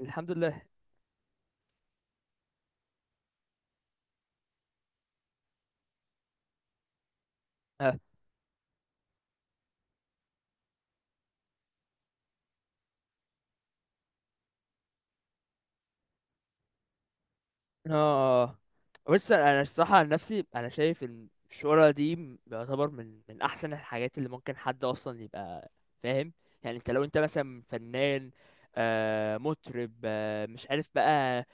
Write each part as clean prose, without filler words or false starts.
الحمد لله. اه، اه، بص انا الصراحه عن نفسي انا شايف ان الشهره دي يعتبر من احسن الحاجات اللي ممكن حد اصلا يبقى فاهم. يعني انت لو انت مثلا فنان، مطرب، مش عارف بقى،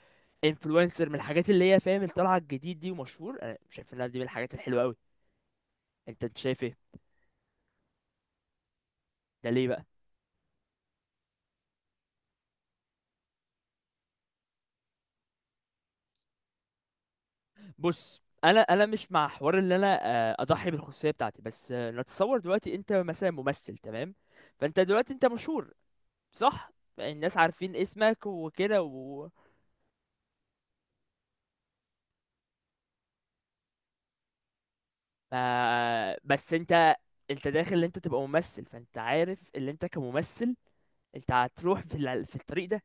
انفلونسر، من الحاجات اللي هي فاهم الطلعه الجديد دي ومشهور. انا شايف انها دي من الحاجات الحلوه قوي. انت شايف ايه؟ ده ليه بقى؟ بص، انا مش مع حوار ان انا اضحي بالخصوصيه بتاعتي، بس نتصور دلوقتي انت مثلا ممثل. تمام؟ فانت دلوقتي انت مشهور، صح؟ الناس عارفين اسمك وكده، و... ما... بس انت، انت داخل ان انت تبقى ممثل، فانت عارف ان انت كممثل انت هتروح في الطريق ده،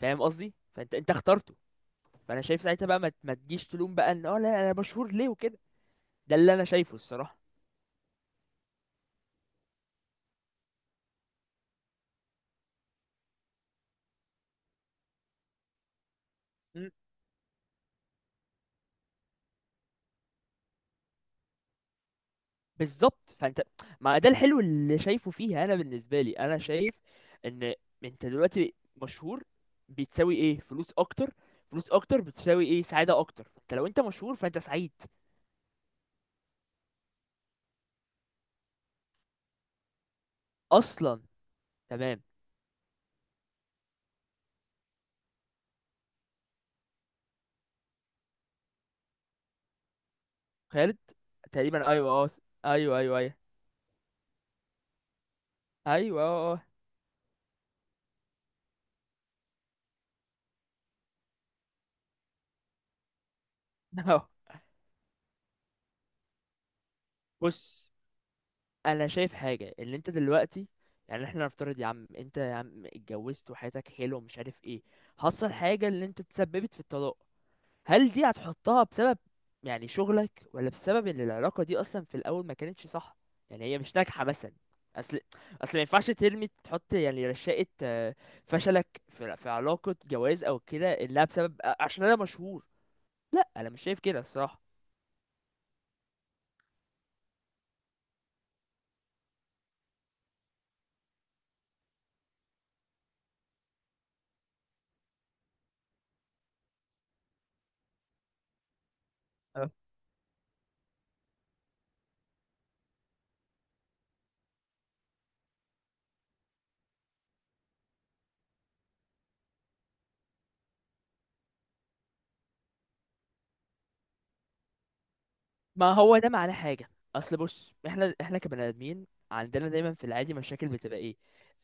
فاهم قصدي؟ فانت انت اخترته. فانا شايف ساعتها بقى ما تجيش تلوم بقى ان لا، انا مشهور ليه وكده. ده اللي انا شايفه الصراحة. بالظبط فانت، ما ده الحلو اللي شايفه فيها. انا بالنسبه لي انا شايف ان انت دلوقتي مشهور، بتساوي ايه؟ فلوس اكتر. فلوس اكتر بتساوي ايه؟ سعاده اكتر. انت لو انت مشهور فانت سعيد اصلا. تمام. خالد. تقريبا، ايوه، اه. ايوه، ايوه، ايوه. ايوه، اه. آه. بص، انا شايف حاجه. اللي انت دلوقتي، يعني احنا نفترض يا عم، انت يا عم اتجوزت وحياتك حلوه ومش عارف ايه، حصل حاجه اللي انت تسببت في الطلاق. هل دي هتحطها بسبب يعني شغلك، ولا بسبب ان العلاقة دي اصلا في الاول ما كانتش صح؟ يعني هي مش ناجحة مثلا. اصل اصل ما ينفعش ترمي، تحط يعني رشاقة، فشلك في علاقة جواز او كده الا بسبب عشان انا مشهور. لا، انا مش شايف كده الصراحة. ما هو ده معناه حاجة. أصل بص، إحنا كبني آدمين عندنا دايما في العادي مشاكل، بتبقى إيه؟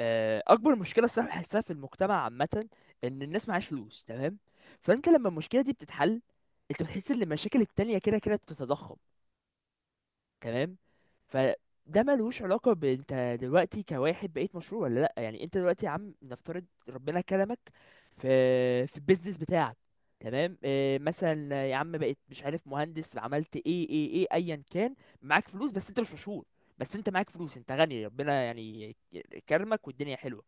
أكبر مشكلة الصراحة بحسها في المجتمع عامة إن الناس معهاش فلوس. تمام؟ فأنت لما المشكلة دي بتتحل، أنت بتحس إن المشاكل التانية كده كده بتتضخم. تمام؟ فده ملوش علاقة بانت دلوقتي كواحد بقيت مشهور ولا لأ. يعني انت دلوقتي يا عم، نفترض ربنا كرمك في البيزنس بتاعك. تمام. اه، مثلا يا عم بقيت مش عارف مهندس، عملت ايه، ايا كان، معاك فلوس بس انت مش مشهور. بس انت معاك فلوس، انت غني ربنا يعني كرمك والدنيا حلوة.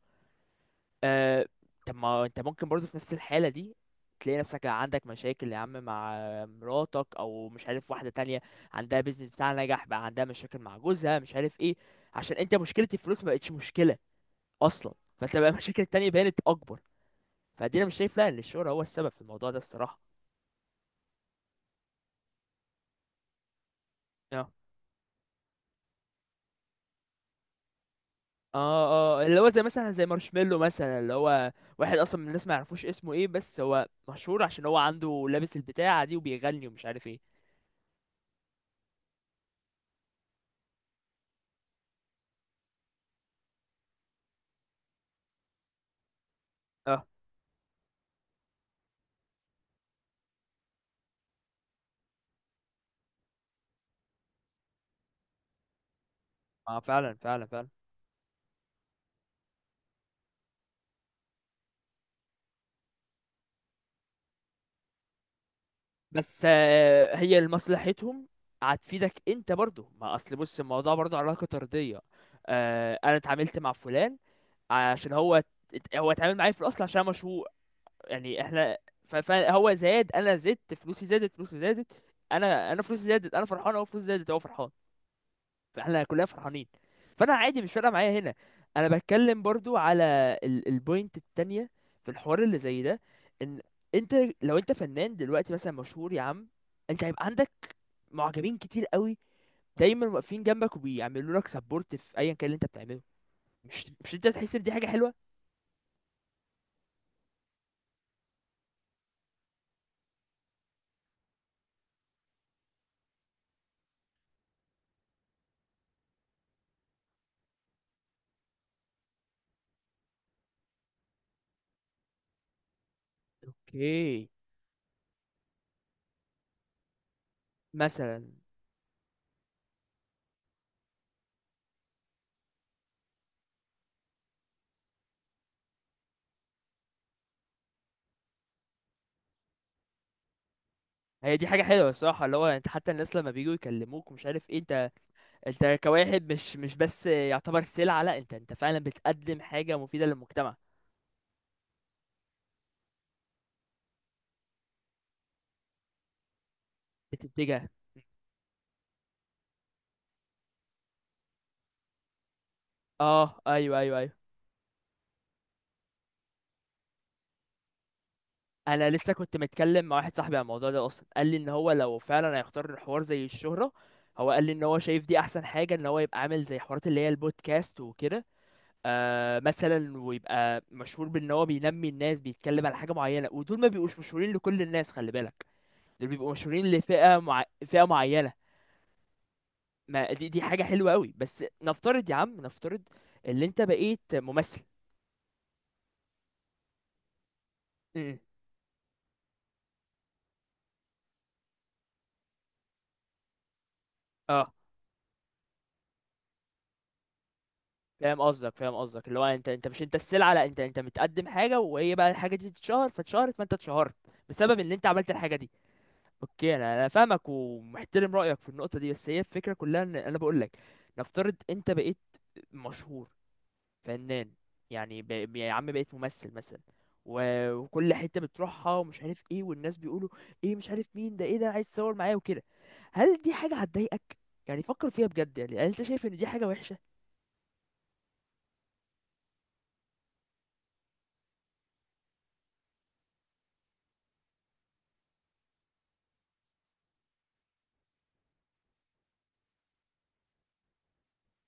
آه، طب ما انت ممكن برضو في نفس الحالة دي تلاقي نفسك عندك مشاكل يا عم مع مراتك، او مش عارف واحدة تانية عندها بيزنس بتاعها نجح بقى، عندها مشاكل مع جوزها مش عارف ايه، عشان انت مشكلة الفلوس ما بقتش مشكلة اصلا. فانت بقى المشاكل التانية بانت اكبر. فدي انا مش شايف لا ان الشهرة هو السبب في الموضوع ده الصراحة. اه، اه، اه، اللي هو زي مثلا زي مارشميلو مثلا، اللي هو واحد اصلا من الناس ما يعرفوش اسمه ايه، بس هو مشهور عشان هو عنده لابس البتاعة دي وبيغني ومش عارف ايه. اه، اه، فعلا، فعلا، فعلا. بس هي لمصلحتهم هتفيدك انت برضو. ما اصل بص الموضوع برضو علاقة طردية. انا اتعاملت مع فلان عشان هو اتعامل معايا في الاصل عشان أنا مشهور. يعني احنا فهو زاد، انا زدت، فلوسي زادت، فلوسه زادت. انا فلوسي زادت، انا فرحان. هو فلوسه زادت، هو فرحان. فاحنا كلنا فرحانين. فانا عادي مش فارقه معايا هنا. انا بتكلم برضو على البوينت التانية في الحوار اللي زي ده، ان انت لو انت فنان دلوقتي مثلا مشهور يا عم، انت هيبقى عندك معجبين كتير قوي دايما واقفين جنبك وبيعملوا لك سبورت في ايا كان اللي انت بتعمله. مش انت تحس ان دي حاجه حلوه؟ اوكي، مثلا. هي دي حاجه حلوه الصراحه، اللي هو انت حتى الناس لما بييجوا يكلموك ومش عارف ايه، انت، انت كواحد مش بس يعتبر سلعه، لا انت فعلا بتقدم حاجه مفيده للمجتمع. بتتجه. اه، ايوه، ايوه، ايوه. انا لسه كنت متكلم مع واحد صاحبي عن الموضوع ده اصلا، قال لي ان هو لو فعلا هيختار الحوار زي الشهرة، هو قال لي ان هو شايف دي احسن حاجة ان هو يبقى عامل زي حوارات اللي هي البودكاست وكده، مثلا، ويبقى مشهور بان هو بينمي الناس، بيتكلم على حاجة معينة. ودول ما بيبقوش مشهورين لكل الناس خلي بالك، دول بيبقوا مشهورين لفئة مع... فئة معينة. ما دي، حاجة حلوة قوي. بس نفترض يا عم، نفترض اللي انت بقيت ممثل. مم. فاهم قصدك، فاهم قصدك. اللي هو انت مش انت السلعه، لا انت متقدم حاجه، وهي بقى الحاجه دي تتشهر، فاتشهرت فانت اتشهرت بسبب ان انت عملت الحاجه دي. اوكي. انا فاهمك ومحترم رايك في النقطه دي. بس هي الفكره كلها ان انا بقول لك نفترض انت بقيت مشهور، فنان، يعني يا عم بقيت ممثل مثلا، و... وكل حته بتروحها ومش عارف ايه، والناس بيقولوا ايه، مش عارف مين ده، ايه ده، انا عايز اتصور معاه وكده. هل دي حاجه هتضايقك؟ يعني فكر فيها بجد. يعني هل انت شايف ان دي حاجه؟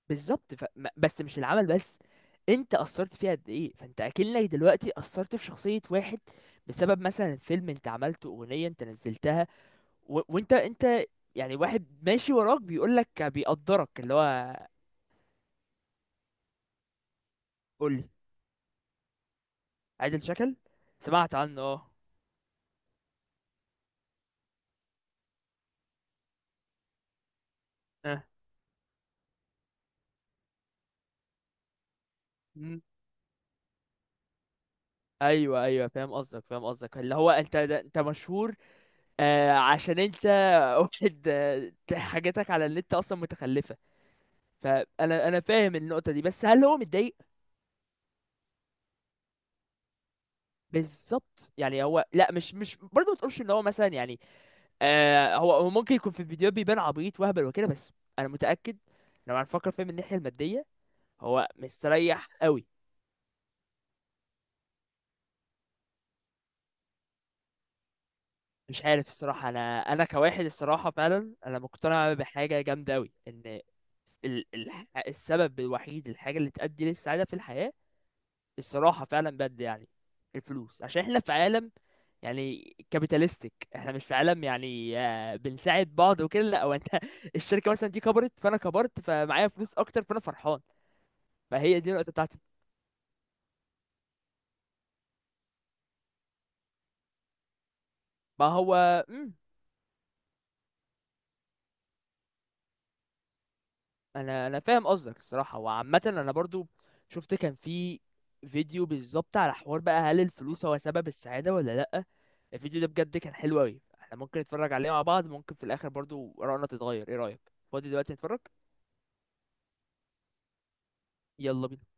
بالظبط، بس مش العمل بس، انت اثرت فيها قد ايه، فانت اكنك دلوقتي اثرت في شخصيه واحد بسبب مثلا فيلم انت عملته، اغنيه انت نزلتها. وانت، انت يعني واحد ماشي وراك بيقول لك بيقدرك اللي هو. قول. عادل شكل، سمعت عنه، اه. اه. مم. ايوه، ايوه، فاهم قصدك، فاهم قصدك. اللي هو انت ده، انت مشهور عشان انت واحد، حاجاتك على النت اصلا متخلفه. فانا فاهم النقطه دي، بس هل هو متضايق؟ بالظبط. يعني هو لا، مش برضه، ما تقولش ان هو مثلا يعني، هو ممكن يكون في الفيديو بيبان عبيط وهبل وكده. بس انا متاكد لو هنفكر فيه من الناحيه الماديه هو مستريح قوي. مش عارف الصراحه. انا كواحد الصراحه فعلا انا مقتنع بحاجه جامده قوي، ان ال... ال... السبب الوحيد، الحاجه اللي تؤدي للسعاده في الحياه الصراحة فعلا بجد يعني الفلوس، عشان احنا في عالم يعني كابيتاليستيك، احنا مش في عالم يعني بنساعد بعض وكده، لا. هو انت الشركة مثلا دي كبرت، فانا كبرت، فمعايا فلوس اكتر، فانا فرحان. فهي دي النقطة بتاعتي. ما هو، مم. انا فاهم قصدك الصراحة. وعامة انا برضو شفت كان في فيديو بالظبط على حوار بقى هل الفلوس هو سبب السعادة ولا لا. الفيديو ده بجد كان حلو اوي، احنا ممكن نتفرج عليه مع بعض. ممكن في الاخر برضو رأينا تتغير. ايه رأيك؟ فاضي دلوقتي نتفرج؟ يلا بينا.